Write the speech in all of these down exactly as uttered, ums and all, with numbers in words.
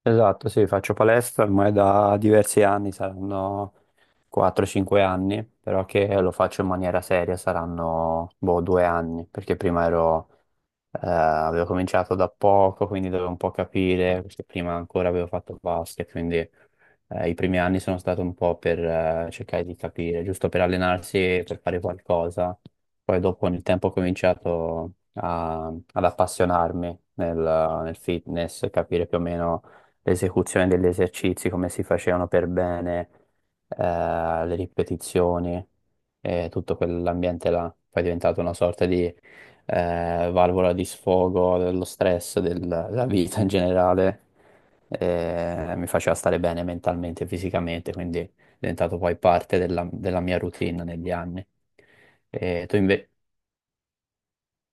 Esatto, sì, faccio palestra ormai da diversi anni, saranno quattro cinque anni, però che lo faccio in maniera seria saranno boh, due anni, perché prima ero eh, avevo cominciato da poco, quindi dovevo un po' capire, perché prima ancora avevo fatto basket, quindi eh, i primi anni sono stato un po' per eh, cercare di capire, giusto per allenarsi e per fare qualcosa. Poi dopo nel tempo ho cominciato a- ad appassionarmi nel, nel fitness, capire più o meno l'esecuzione degli esercizi, come si facevano per bene, eh, le ripetizioni e tutto quell'ambiente là. Poi è diventato una sorta di eh, valvola di sfogo dello stress, del- della vita in generale, eh, mi faceva stare bene mentalmente e fisicamente, quindi è diventato poi parte della, della mia routine negli anni. E tu invece?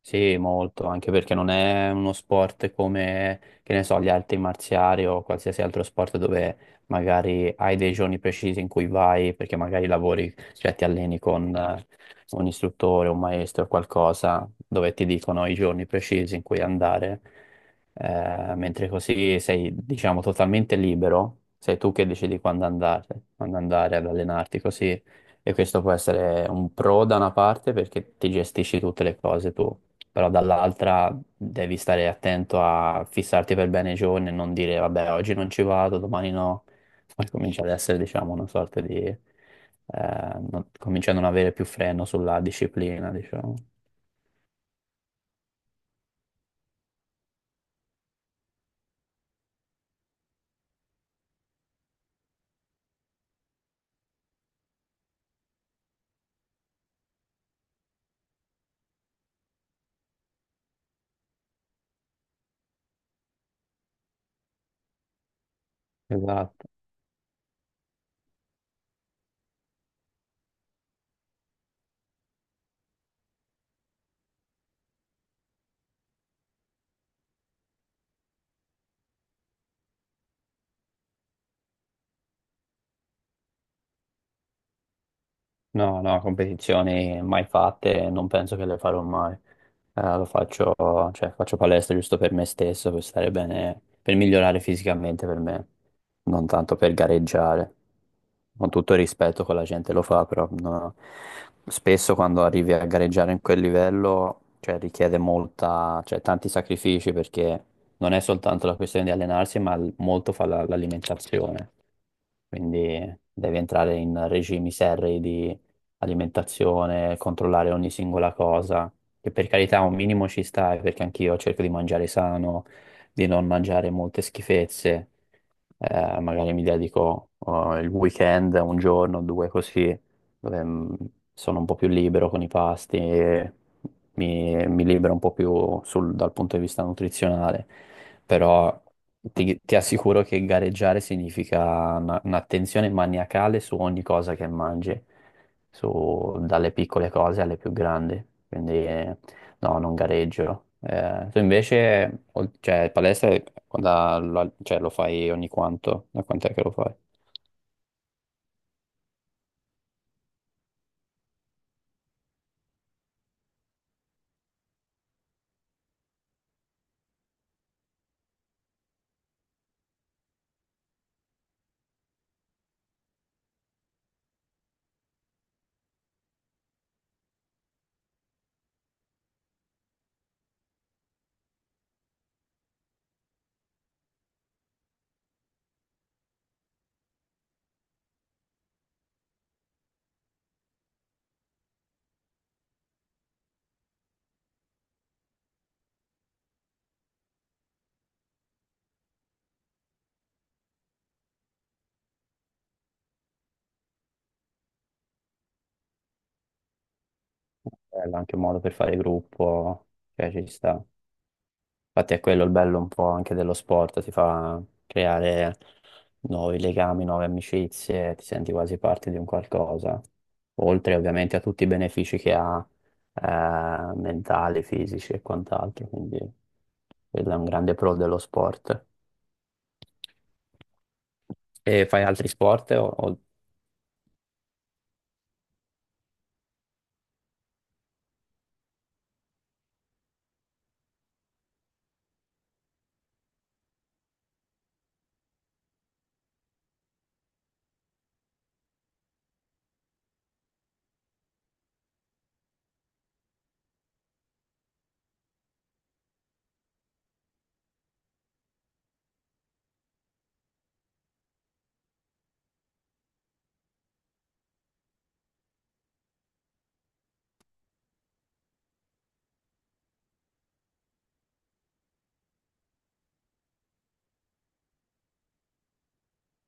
Sì, molto, anche perché non è uno sport come, che ne so, gli altri marziali o qualsiasi altro sport dove magari hai dei giorni precisi in cui vai, perché magari lavori, cioè ti alleni con eh, un istruttore, un maestro o qualcosa, dove ti dicono i giorni precisi in cui andare, Eh, mentre così sei, diciamo, totalmente libero, sei tu che decidi quando andare, quando andare ad allenarti, così e questo può essere un pro da una parte perché ti gestisci tutte le cose tu, però dall'altra devi stare attento a fissarti per bene i giorni e non dire vabbè oggi non ci vado, domani no. Poi comincia ad essere diciamo una sorta di... eh, non- comincia a non avere più freno sulla disciplina, diciamo. Esatto. No, no, competizioni mai fatte, non penso che le farò mai. Eh, lo faccio, cioè, faccio palestra giusto per me stesso, per stare bene, per migliorare fisicamente per me, non tanto per gareggiare. Con tutto il rispetto che la gente lo fa, però no. No. Spesso quando arrivi a gareggiare in quel livello, cioè, richiede molta, cioè, tanti sacrifici perché non è soltanto la questione di allenarsi, ma l- molto fa la- l'alimentazione, quindi devi entrare in regimi serri di alimentazione, controllare ogni singola cosa, che per carità un minimo ci sta, eh, perché anch'io cerco di mangiare sano, di non mangiare molte schifezze. Eh, magari mi dedico oh, il weekend, un giorno, due così, dove mm, sono un po' più libero con i pasti, e mi, mi libero un po' più sul- dal punto di vista nutrizionale, però ti, ti assicuro che gareggiare significa una- un'attenzione maniacale su ogni cosa che mangi, su- dalle piccole cose alle più grandi, quindi eh, no, non gareggio. Eh, tu invece, ol- cioè, palestra, quando, la- cioè, lo fai ogni quanto? Da quant'è che lo fai? Bello, anche un modo per fare gruppo, cioè ci sta. Infatti è quello il bello un po' anche dello sport, ti fa creare nuovi legami, nuove amicizie, ti senti quasi parte di un qualcosa, oltre ovviamente a tutti i benefici che ha, eh, mentali, fisici e quant'altro, quindi quello è un grande pro dello sport. E fai altri sport? o- o-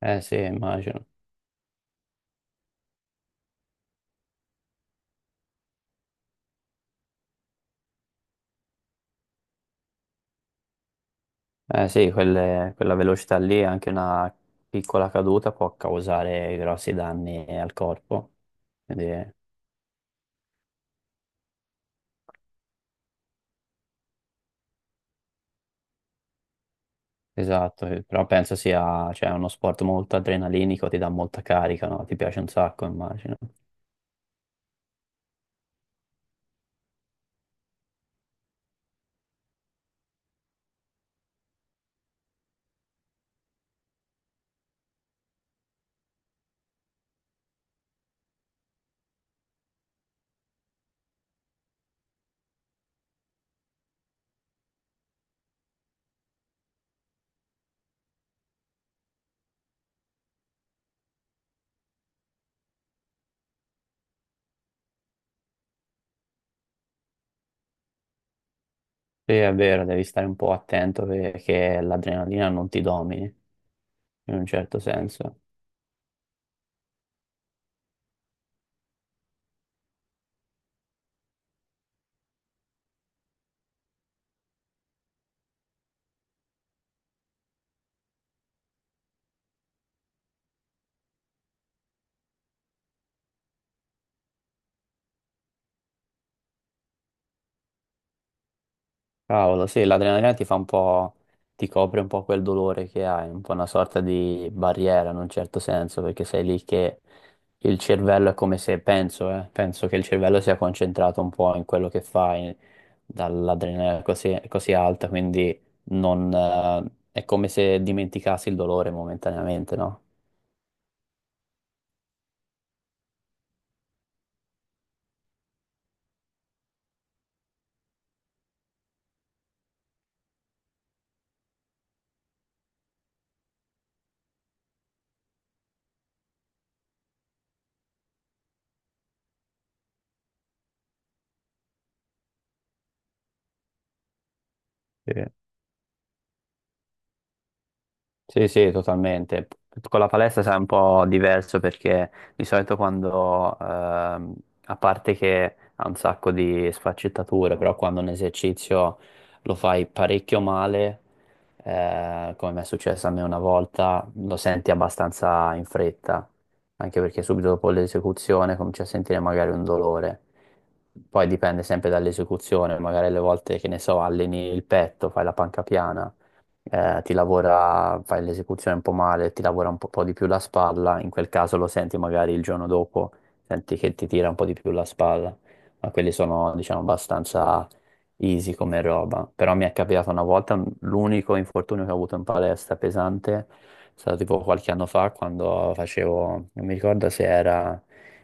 Eh sì, immagino. Eh sì, quelle- quella velocità lì, anche una piccola caduta può causare grossi danni al corpo. Quindi, esatto, eh, però penso sia, cioè, uno sport molto adrenalinico, ti dà molta carica, no? Ti piace un sacco, immagino. Sì, è vero, devi stare un po' attento perché l'adrenalina non ti domini, in un certo senso. Cavolo, sì, l'adrenalina ti fa un po', ti copre un po' quel dolore che hai, un po' una sorta di barriera in un certo senso, perché sei lì che il cervello è come se, penso, eh, penso che il cervello sia concentrato un po' in quello che fai, dall'adrenalina così, così alta, quindi non, eh, è come se dimenticassi il dolore momentaneamente, no? Sì. Sì, sì, totalmente. Con la palestra sarà un po' diverso perché di solito quando, ehm, a parte che ha un sacco di sfaccettature, però quando un esercizio lo fai parecchio male, eh, come mi è successo a me una volta, lo senti abbastanza in fretta, anche perché subito dopo l'esecuzione cominci a sentire magari un dolore. Poi dipende sempre dall'esecuzione, magari le volte che ne so, alleni il petto, fai la panca piana, eh, ti lavora, fai l'esecuzione un po' male, ti lavora un po', po' di più la spalla, in quel caso lo senti magari il giorno dopo, senti che ti tira un po' di più la spalla, ma quelli sono, diciamo, abbastanza easy come roba. Però mi è capitato una volta, l'unico infortunio che ho avuto in palestra pesante è stato tipo qualche anno fa quando facevo, non mi ricordo se era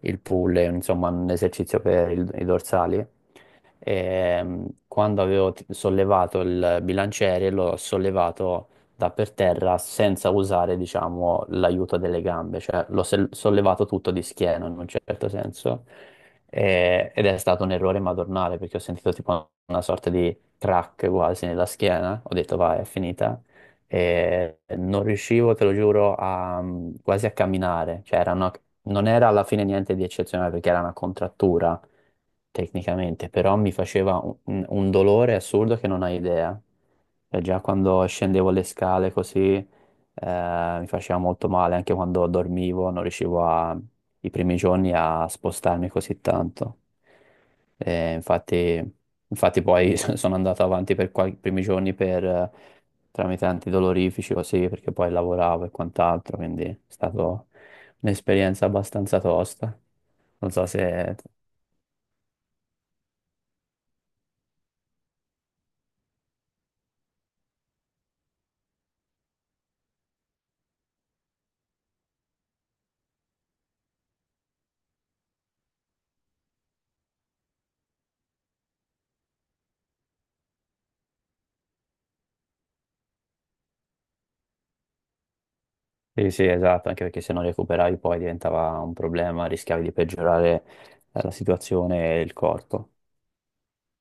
il pull, insomma, un esercizio per il- i dorsali. Ehm, quando avevo t- sollevato il bilanciere, l'ho sollevato da per terra senza usare, diciamo, l'aiuto delle gambe, cioè l'ho sel- sollevato tutto di schiena in un certo senso. E- ed è stato un errore madornale perché ho sentito tipo una sorta di crack quasi nella schiena. Ho detto, vai, è finita e non riuscivo, te lo giuro, a, mm, quasi a camminare. Cioè, era una- non era alla fine niente di eccezionale perché era una contrattura tecnicamente, però mi faceva un, un dolore assurdo che non hai idea. Cioè, già quando scendevo le scale così, eh, mi faceva molto male, anche quando dormivo, non riuscivo a, i primi giorni a spostarmi così tanto. Eh, infatti, infatti poi sono andato avanti per qual- i primi giorni per, eh, tramite antidolorifici così, perché poi lavoravo e quant'altro, quindi è stata un'esperienza abbastanza tosta. Non so se... Sì, sì, esatto, anche perché se non recuperavi poi diventava un problema, rischiavi di peggiorare eh, la situazione e il corpo.